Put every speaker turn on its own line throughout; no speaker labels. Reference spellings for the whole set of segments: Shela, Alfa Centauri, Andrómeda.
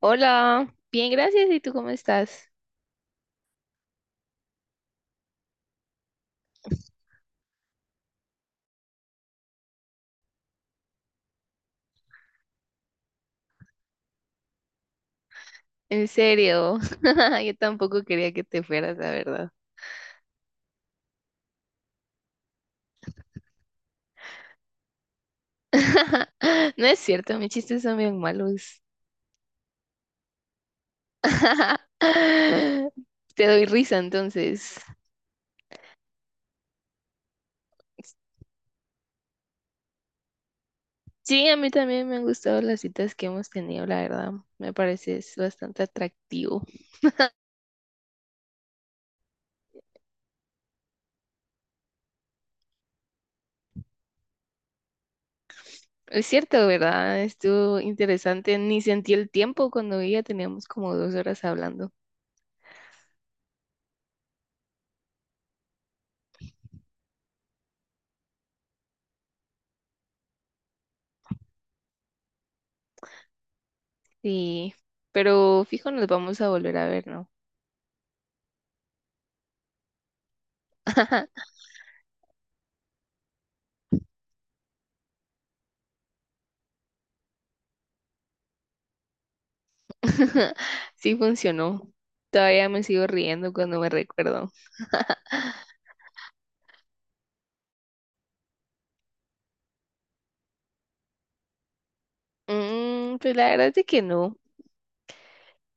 Hola, bien, gracias. ¿Y tú cómo estás? En serio, yo tampoco quería que te fueras, la verdad. No es cierto, mis chistes son bien malos. Te doy risa entonces. Sí, a mí también me han gustado las citas que hemos tenido, la verdad. Me parece es bastante atractivo. Es cierto, ¿verdad? Estuvo interesante. Ni sentí el tiempo cuando ya teníamos como 2 horas hablando. Sí, pero fijo, nos vamos a volver a ver, ¿no? Sí funcionó. Todavía me sigo riendo cuando me recuerdo. Pues la verdad es que no.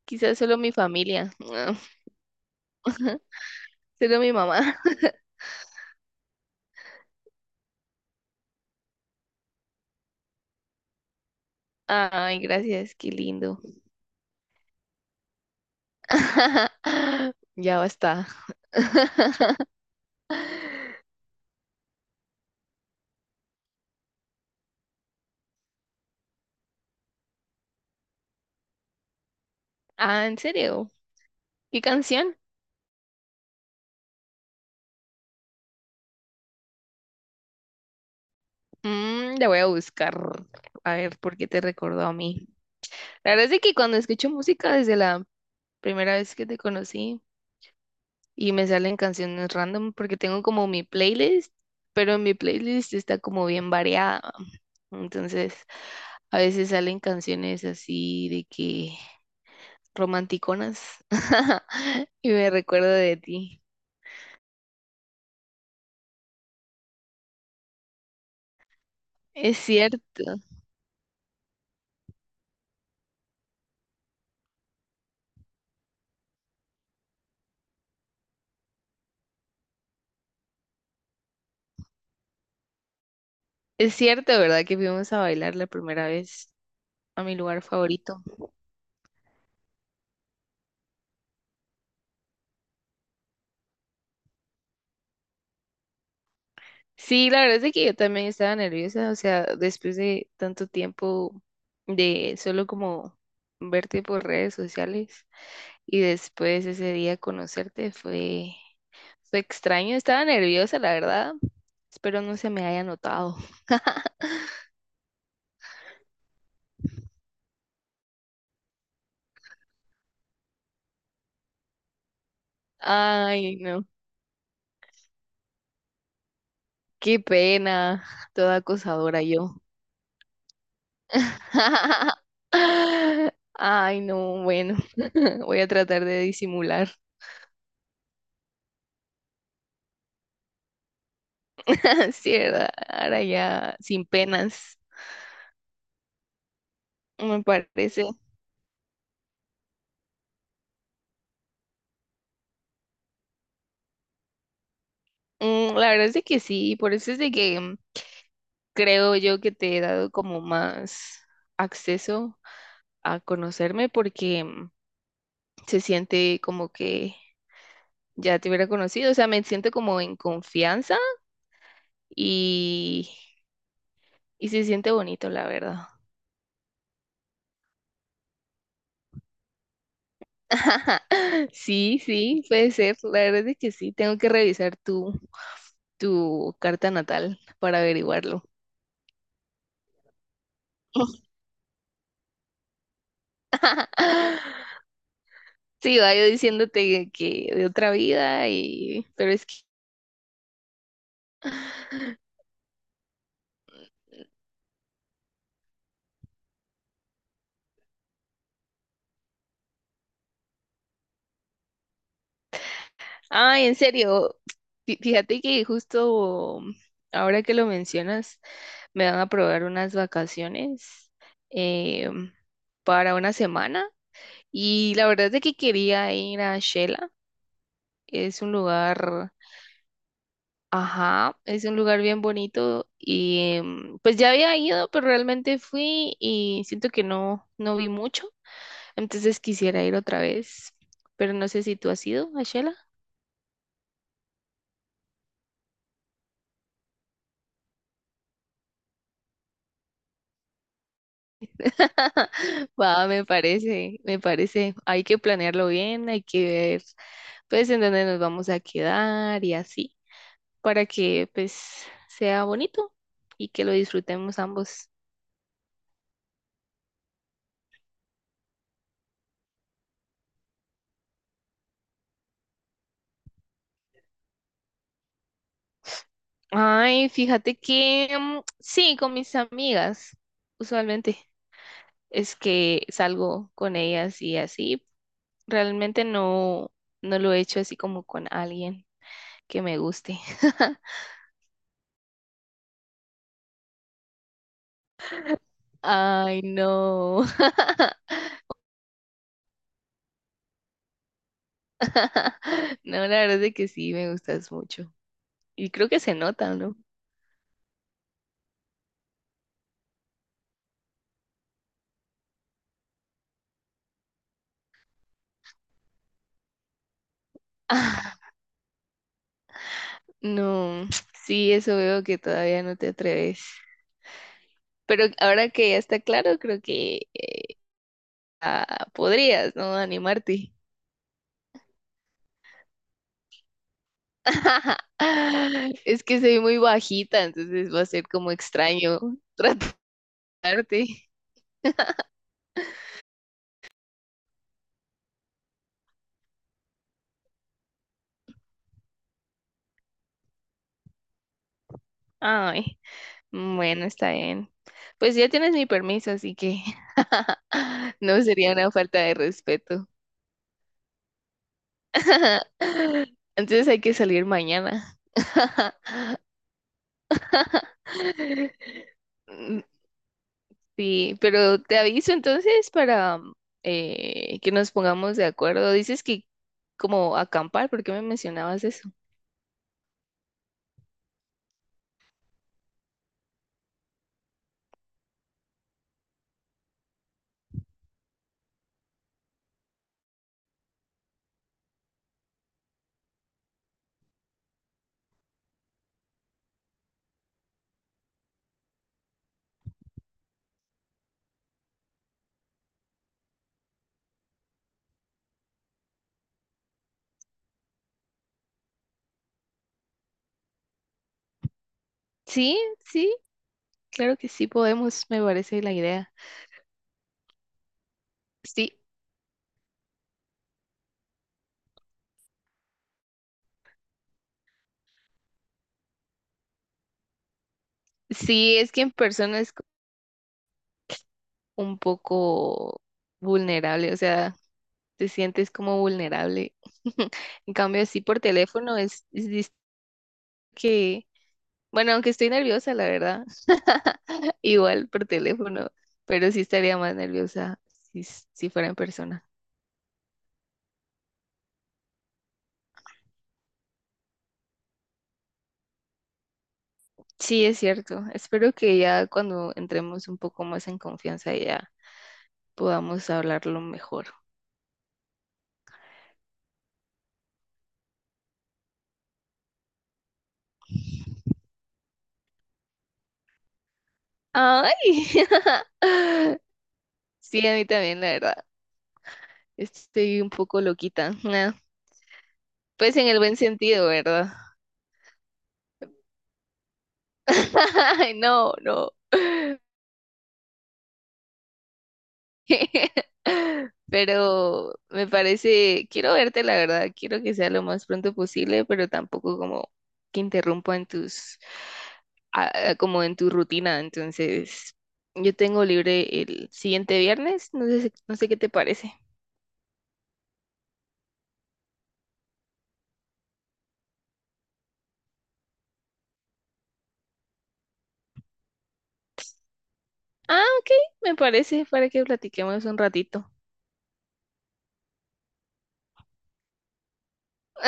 Quizás solo mi familia. Solo mi mamá. Ay, gracias, qué lindo. Ya basta. Ah, ¿en serio? ¿Qué canción? La voy a buscar. A ver, ¿por qué te recordó a mí? La verdad es que cuando escucho música desde la primera vez que te conocí, y me salen canciones random porque tengo como mi playlist, pero mi playlist está como bien variada. Entonces, a veces salen canciones así de que romanticonas y me recuerdo de ti. Es cierto, es cierto, ¿verdad? Que fuimos a bailar la primera vez a mi lugar favorito. Sí, la verdad es de que yo también estaba nerviosa, o sea, después de tanto tiempo de solo como verte por redes sociales y después ese día conocerte fue extraño, estaba nerviosa, la verdad. Espero no se me haya notado. Ay, no, qué pena, toda acosadora yo. Ay, no, bueno, voy a tratar de disimular. Sí, ¿verdad? Ahora ya sin penas. Me parece. La verdad es de que sí, por eso es de que creo yo que te he dado como más acceso a conocerme porque se siente como que ya te hubiera conocido, o sea, me siento como en confianza y, y se siente bonito, la verdad. Sí, sí, puede ser, la verdad es que sí, tengo que revisar tu carta natal para averiguarlo. Sí, va yo diciéndote que de otra vida y pero es que ay, en serio, fíjate que justo ahora que lo mencionas me van a aprobar unas vacaciones eh, para una semana y la verdad es de que quería ir a Shela, es un lugar, ajá, es un lugar bien bonito y pues ya había ido, pero realmente fui y siento que no vi mucho. Entonces quisiera ir otra vez, pero no sé si tú has ido a Shela. Va, me parece, me parece. Hay que planearlo bien, hay que ver pues en dónde nos vamos a quedar y así, para que pues sea bonito y que lo disfrutemos ambos. Ay, fíjate que sí, con mis amigas, usualmente es que salgo con ellas y así. Realmente no, no lo he hecho así como con alguien que me guste. Ay, no. No, la verdad es de que sí, me gustas mucho. Y creo que se nota, ¿no? Ah, no, sí, eso veo que todavía no te atreves. Pero ahora que ya está claro, creo que podrías, ¿no? Animarte. Es que soy muy bajita, entonces va a ser como extraño tratarte. Ay, bueno, está bien. Pues ya tienes mi permiso, así que no sería una falta de respeto. Entonces hay que salir mañana. Mm, sí, pero te aviso entonces para que nos pongamos de acuerdo. Dices que como acampar, ¿por qué me mencionabas eso? Sí, sí, claro que sí podemos, me parece la idea. Sí, sí, es que en persona es un poco vulnerable, o sea, te sientes como vulnerable. En cambio, así por teléfono es. Dis- que Bueno, aunque estoy nerviosa, la verdad. Igual por teléfono, pero sí estaría más nerviosa si fuera en persona. Sí, es cierto. Espero que ya cuando entremos un poco más en confianza ya podamos hablarlo mejor. ¡Ay! Sí, a mí también, la verdad. Estoy un poco loquita. Nah, pues en el buen sentido, ¿verdad? Ay, no, no. Pero me parece, quiero verte, la verdad, quiero que sea lo más pronto posible, pero tampoco como que interrumpa en tus, como en tu rutina. Entonces, yo tengo libre el siguiente viernes, no sé, no sé qué te parece. Ah, ok, me parece para que platiquemos un ratito.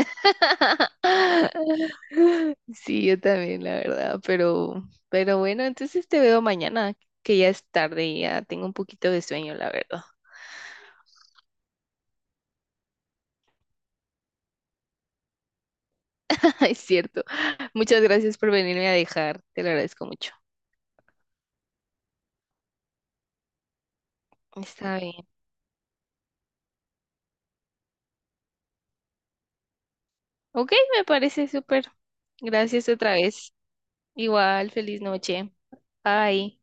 Sí, yo también, la verdad, pero bueno, entonces te veo mañana, que ya es tarde y ya tengo un poquito de sueño, la verdad. Es cierto. Muchas gracias por venirme a dejar. Te lo agradezco mucho. Está bien. Ok, me parece súper. Gracias otra vez. Igual, feliz noche. Bye.